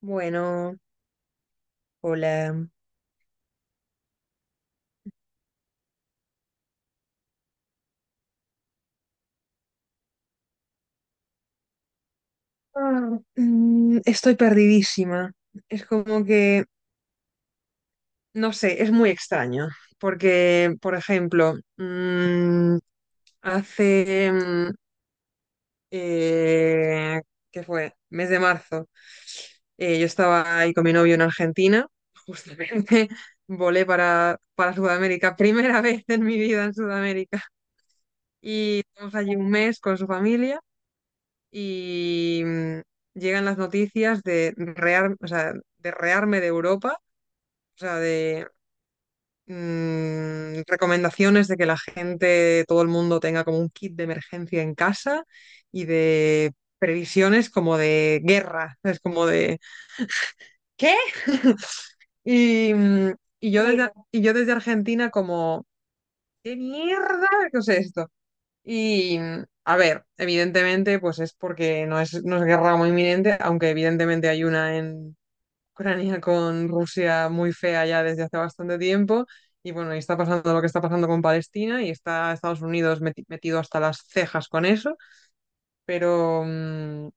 Bueno, hola. Estoy perdidísima. Es como no sé, es muy extraño. Porque, por ejemplo, hace, mm, eh, ¿qué fue? Mes de marzo, yo estaba ahí con mi novio en Argentina. Justamente volé para Sudamérica, primera vez en mi vida en Sudamérica. Y estamos allí un mes con su familia. Y llegan las noticias o sea, de rearme de Europa, o sea, de recomendaciones de que la gente, todo el mundo tenga como un kit de emergencia en casa y de previsiones como de guerra, es como de ¿qué? Y, y yo desde Argentina como ¿qué mierda? ¿Qué es esto? Y, a ver, evidentemente, pues es porque no es guerra muy inminente, aunque evidentemente hay una en Ucrania con Rusia muy fea ya desde hace bastante tiempo. Y bueno, y está pasando lo que está pasando con Palestina y está Estados Unidos metido hasta las cejas con eso. Pero,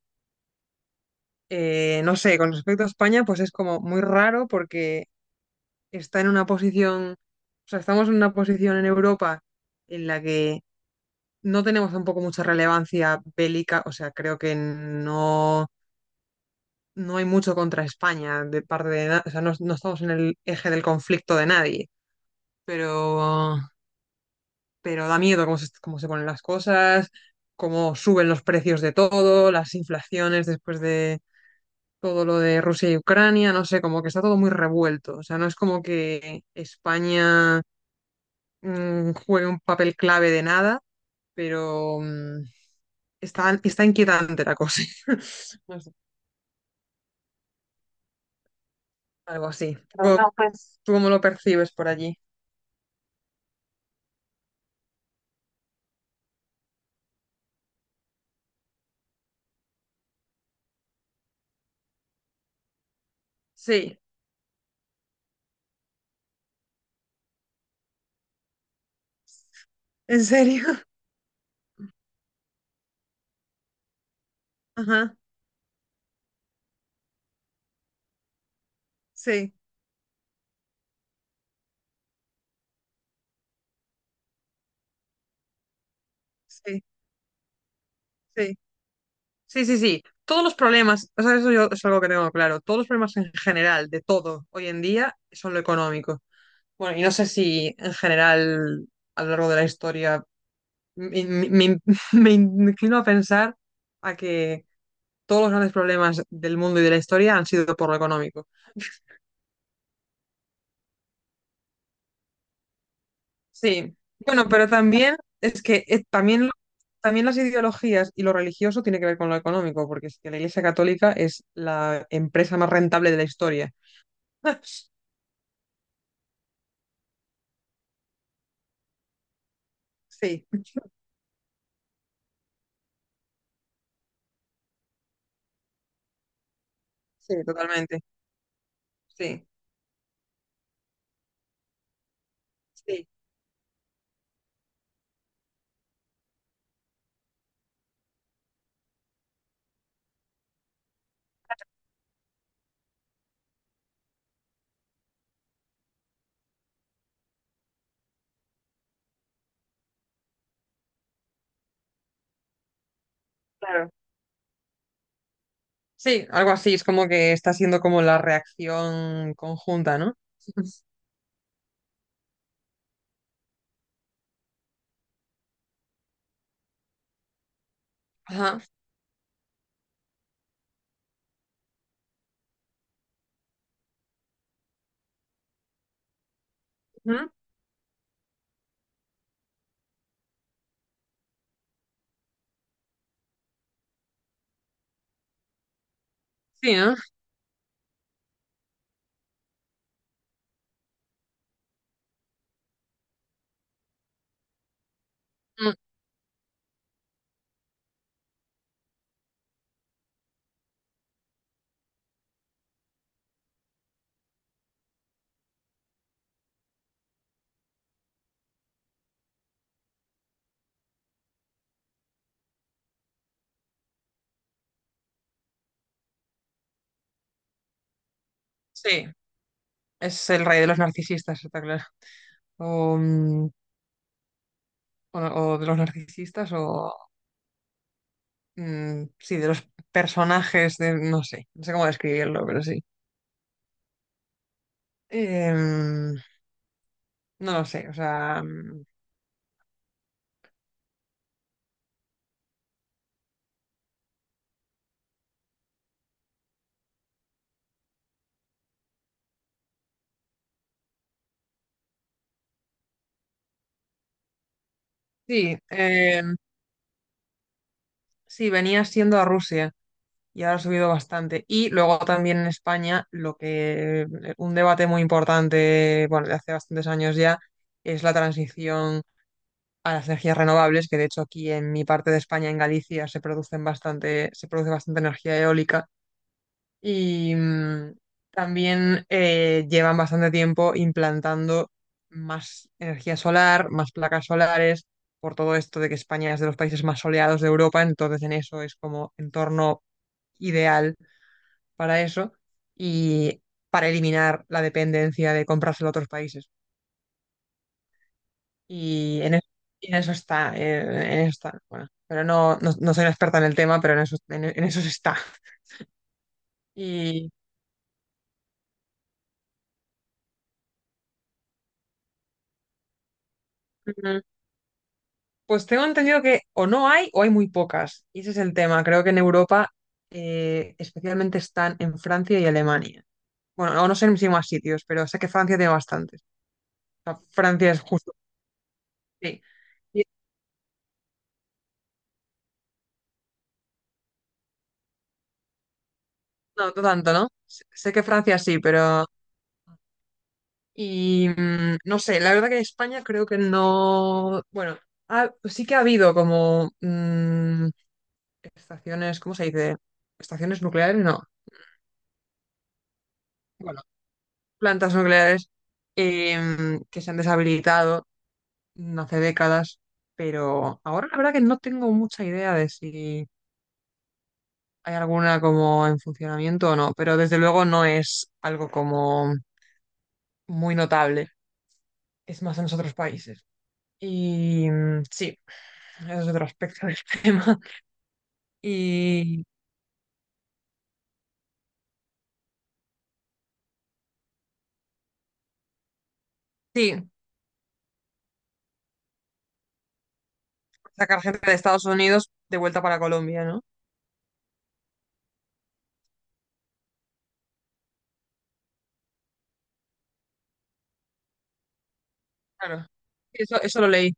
no sé, con respecto a España, pues es como muy raro porque está en una posición, estamos en una posición en Europa en la que no tenemos tampoco mucha relevancia bélica, o sea, creo que no hay mucho contra España de parte de, na- o sea, no estamos en el eje del conflicto de nadie, pero, pero da miedo cómo se ponen las cosas, cómo suben los precios de todo, las inflaciones después de todo lo de Rusia y Ucrania, no sé, como que está todo muy revuelto, o sea, no es como que España juegue un papel clave de nada, pero... está inquietante la cosa. No sé, algo así. Pero ¿Tú, No, pues ¿tú cómo lo percibes por allí? Sí. ¿En serio? Ajá. Sí, sí, sí. Sí, sí, sí. Todos los problemas, o sea, eso yo es algo que tengo claro. Todos los problemas en general de todo hoy en día son lo económico. Bueno, y no sé si en general a lo largo de la historia me, me- me- me inclino a pensar a que todos los grandes problemas del mundo y de la historia han sido por lo económico. Sí, bueno, pero también es que también, también las ideologías y lo religioso tiene que ver con lo económico, porque es que la Iglesia Católica es la empresa más rentable de la historia. Sí, sí, totalmente. Sí, sí, claro. Sí, algo así, es como que está siendo como la reacción conjunta, ¿no? Ajá. Ujú. Sí, ¿no? Mm. Sí, es el rey de los narcisistas, está claro. O, mm, o- o de los narcisistas o sí, de los personajes, de, no sé, no sé cómo describirlo, pero sí. Em, no lo sé, o sea, sí, sí, venía siendo a Rusia y ahora ha subido bastante. Y luego también en España, lo que, un debate muy importante, bueno, de hace bastantes años ya, es la transición a las energías renovables, que de hecho aquí en mi parte de España, en Galicia, se produce bastante energía eólica. Y también llevan bastante tiempo implantando más energía solar, más placas solares, por todo esto de que España es de los países más soleados de Europa, entonces en eso es como entorno ideal para eso y para eliminar la dependencia de comprárselo a otros países. Y en, es- y en eso está, en eso está, bueno, pero no soy una experta en el tema, pero en eso, en eso se está. Y, pues tengo entendido que o no hay o hay muy pocas. Y ese es el tema. Creo que en Europa especialmente están en Francia y Alemania. Bueno, o no sé si más sitios, pero sé que Francia tiene bastantes. O sea, Francia es justo. Sí. Y- no, no tanto, ¿no? Sé que Francia sí, pero... Y no sé, la verdad que en España creo que no... Bueno, sí que ha habido como estaciones, ¿cómo se dice? Estaciones nucleares, no. Bueno, plantas nucleares, que se han deshabilitado no hace décadas, pero ahora la verdad que no tengo mucha idea de si hay alguna como en funcionamiento o no, pero desde luego no es algo como muy notable, es más en los otros países. Y sí, ese es otro aspecto del tema. Y sí, sacar gente de Estados Unidos de vuelta para Colombia, ¿no? Claro. Eso lo leí,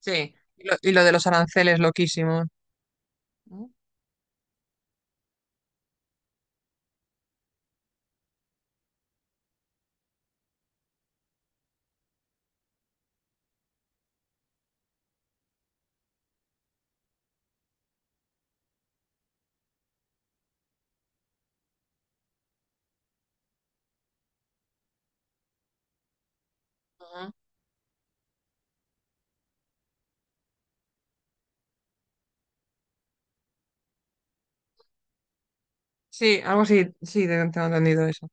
sí. Y lo de los aranceles, loquísimo. Ujú. Sí, algo así, sí, tengo entendido eso.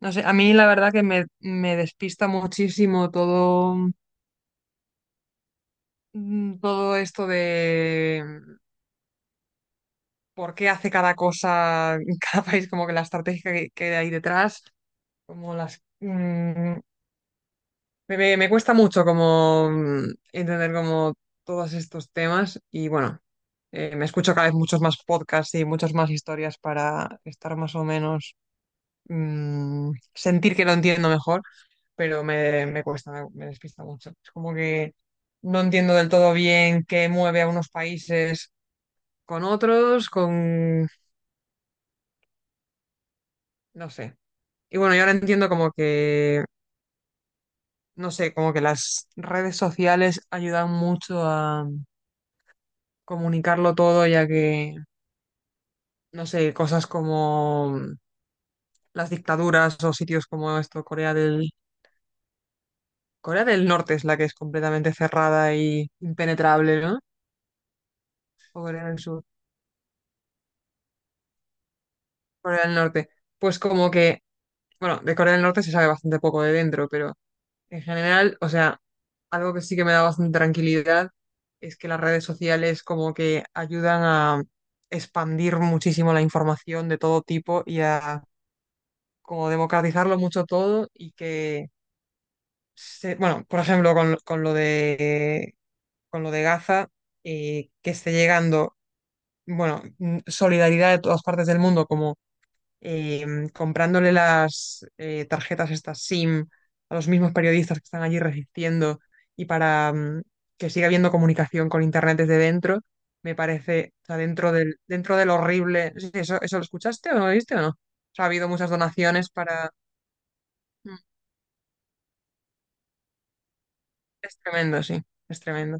No sé, a mí la verdad que me despista muchísimo todo, todo esto de por qué hace cada cosa en cada país, como que la estrategia que hay detrás, como las... me cuesta mucho como entender como todos estos temas y bueno, me escucho cada vez muchos más podcasts y muchas más historias para estar más o menos, sentir que lo entiendo mejor. Pero me cuesta, me despista mucho. Es como que no entiendo del todo bien qué mueve a unos países con otros, con... no sé. Y bueno, yo ahora entiendo como no sé, como que las redes sociales ayudan mucho a comunicarlo todo, ya que, no sé, cosas como las dictaduras o sitios como esto, Corea del Norte es la que es completamente cerrada y impenetrable, ¿no? O Corea del Sur. Corea del Norte. Pues como que, bueno, de Corea del Norte se sabe bastante poco de dentro, pero en general, o sea, algo que sí que me da bastante tranquilidad es que las redes sociales como que ayudan a expandir muchísimo la información de todo tipo y a como democratizarlo mucho todo y que, bueno, por ejemplo, con lo de Gaza, que esté llegando, bueno, solidaridad de todas partes del mundo como comprándole las tarjetas estas SIM a los mismos periodistas que están allí resistiendo y para que siga habiendo comunicación con Internet desde dentro, me parece, o sea, dentro del horrible, sí, ¿eso, eso lo escuchaste o no lo viste o no? O sea, ha habido muchas donaciones para... Mm. Es tremendo, sí, es tremendo.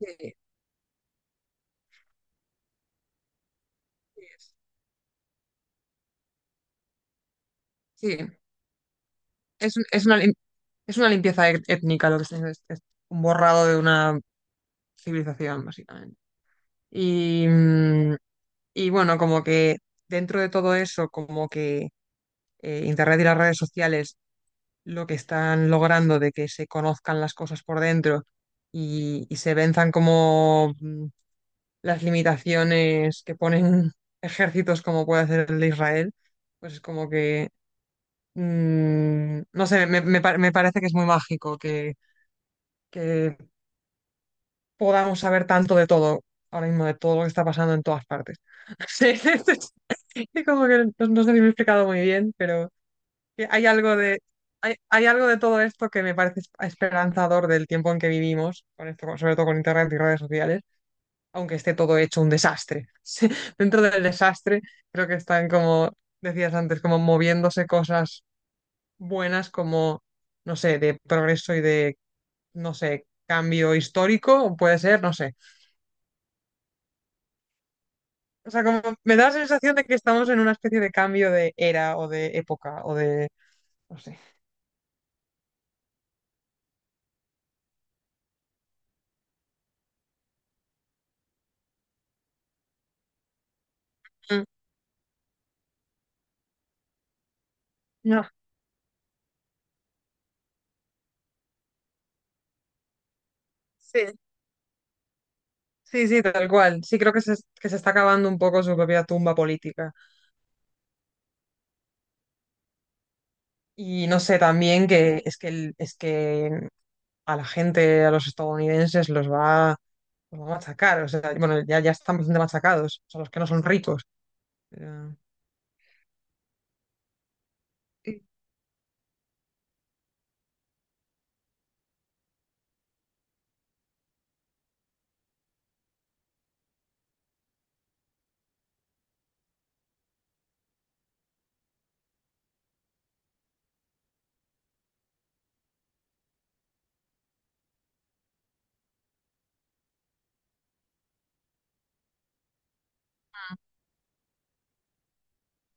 Sí, sí, es, sí, es un- es una, lim- es una limpieza étnica lo que es, es un borrado de una civilización, básicamente. Y, y bueno, como que dentro de todo eso, como que Internet y las redes sociales lo que están logrando de que se conozcan las cosas por dentro y se venzan como las limitaciones que ponen ejércitos como puede hacer el de Israel, pues es como que, no sé, me parece que es muy mágico que podamos saber tanto de todo, ahora mismo de todo lo que está pasando en todas partes. Sí, es como que no, no sé si me he explicado muy bien, pero... que hay algo de, hay algo de todo esto que me parece esperanzador del tiempo en que vivimos, con esto, sobre todo con internet y redes sociales, aunque esté todo hecho un desastre. Sí, dentro del desastre, creo que están como decías antes, como moviéndose cosas buenas, como, no sé, de progreso y de, no sé, cambio histórico, puede ser, no sé. O sea, como me da la sensación de que estamos en una especie de cambio de era o de época o de, no sé. Mm. No. Sí. Sí, sí, tal cual. Sí creo que que se está acabando un poco su propia tumba política. Y no sé, también que es que, es que a los estadounidenses, los va a machacar. O sea, bueno, ya, ya están bastante machacados, o sea, los que no son ricos. Pero- y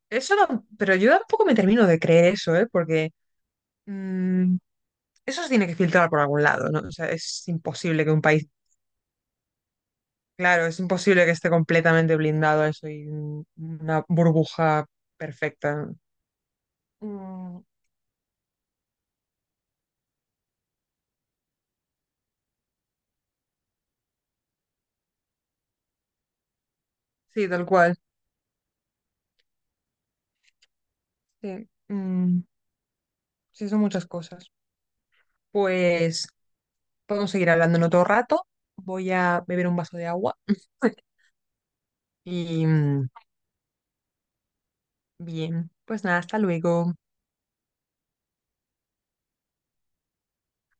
eso no, pero yo tampoco me termino de creer eso, ¿eh? Porque mm, eso se tiene que filtrar por algún lado, ¿no? O sea, es imposible que un país, claro, es imposible que esté completamente blindado a eso y una burbuja perfecta. Mm. Sí, tal cual. Sí, sí, son muchas cosas. Pues podemos seguir hablando en otro rato. Voy a beber un vaso de agua. Y bien, pues nada, hasta luego.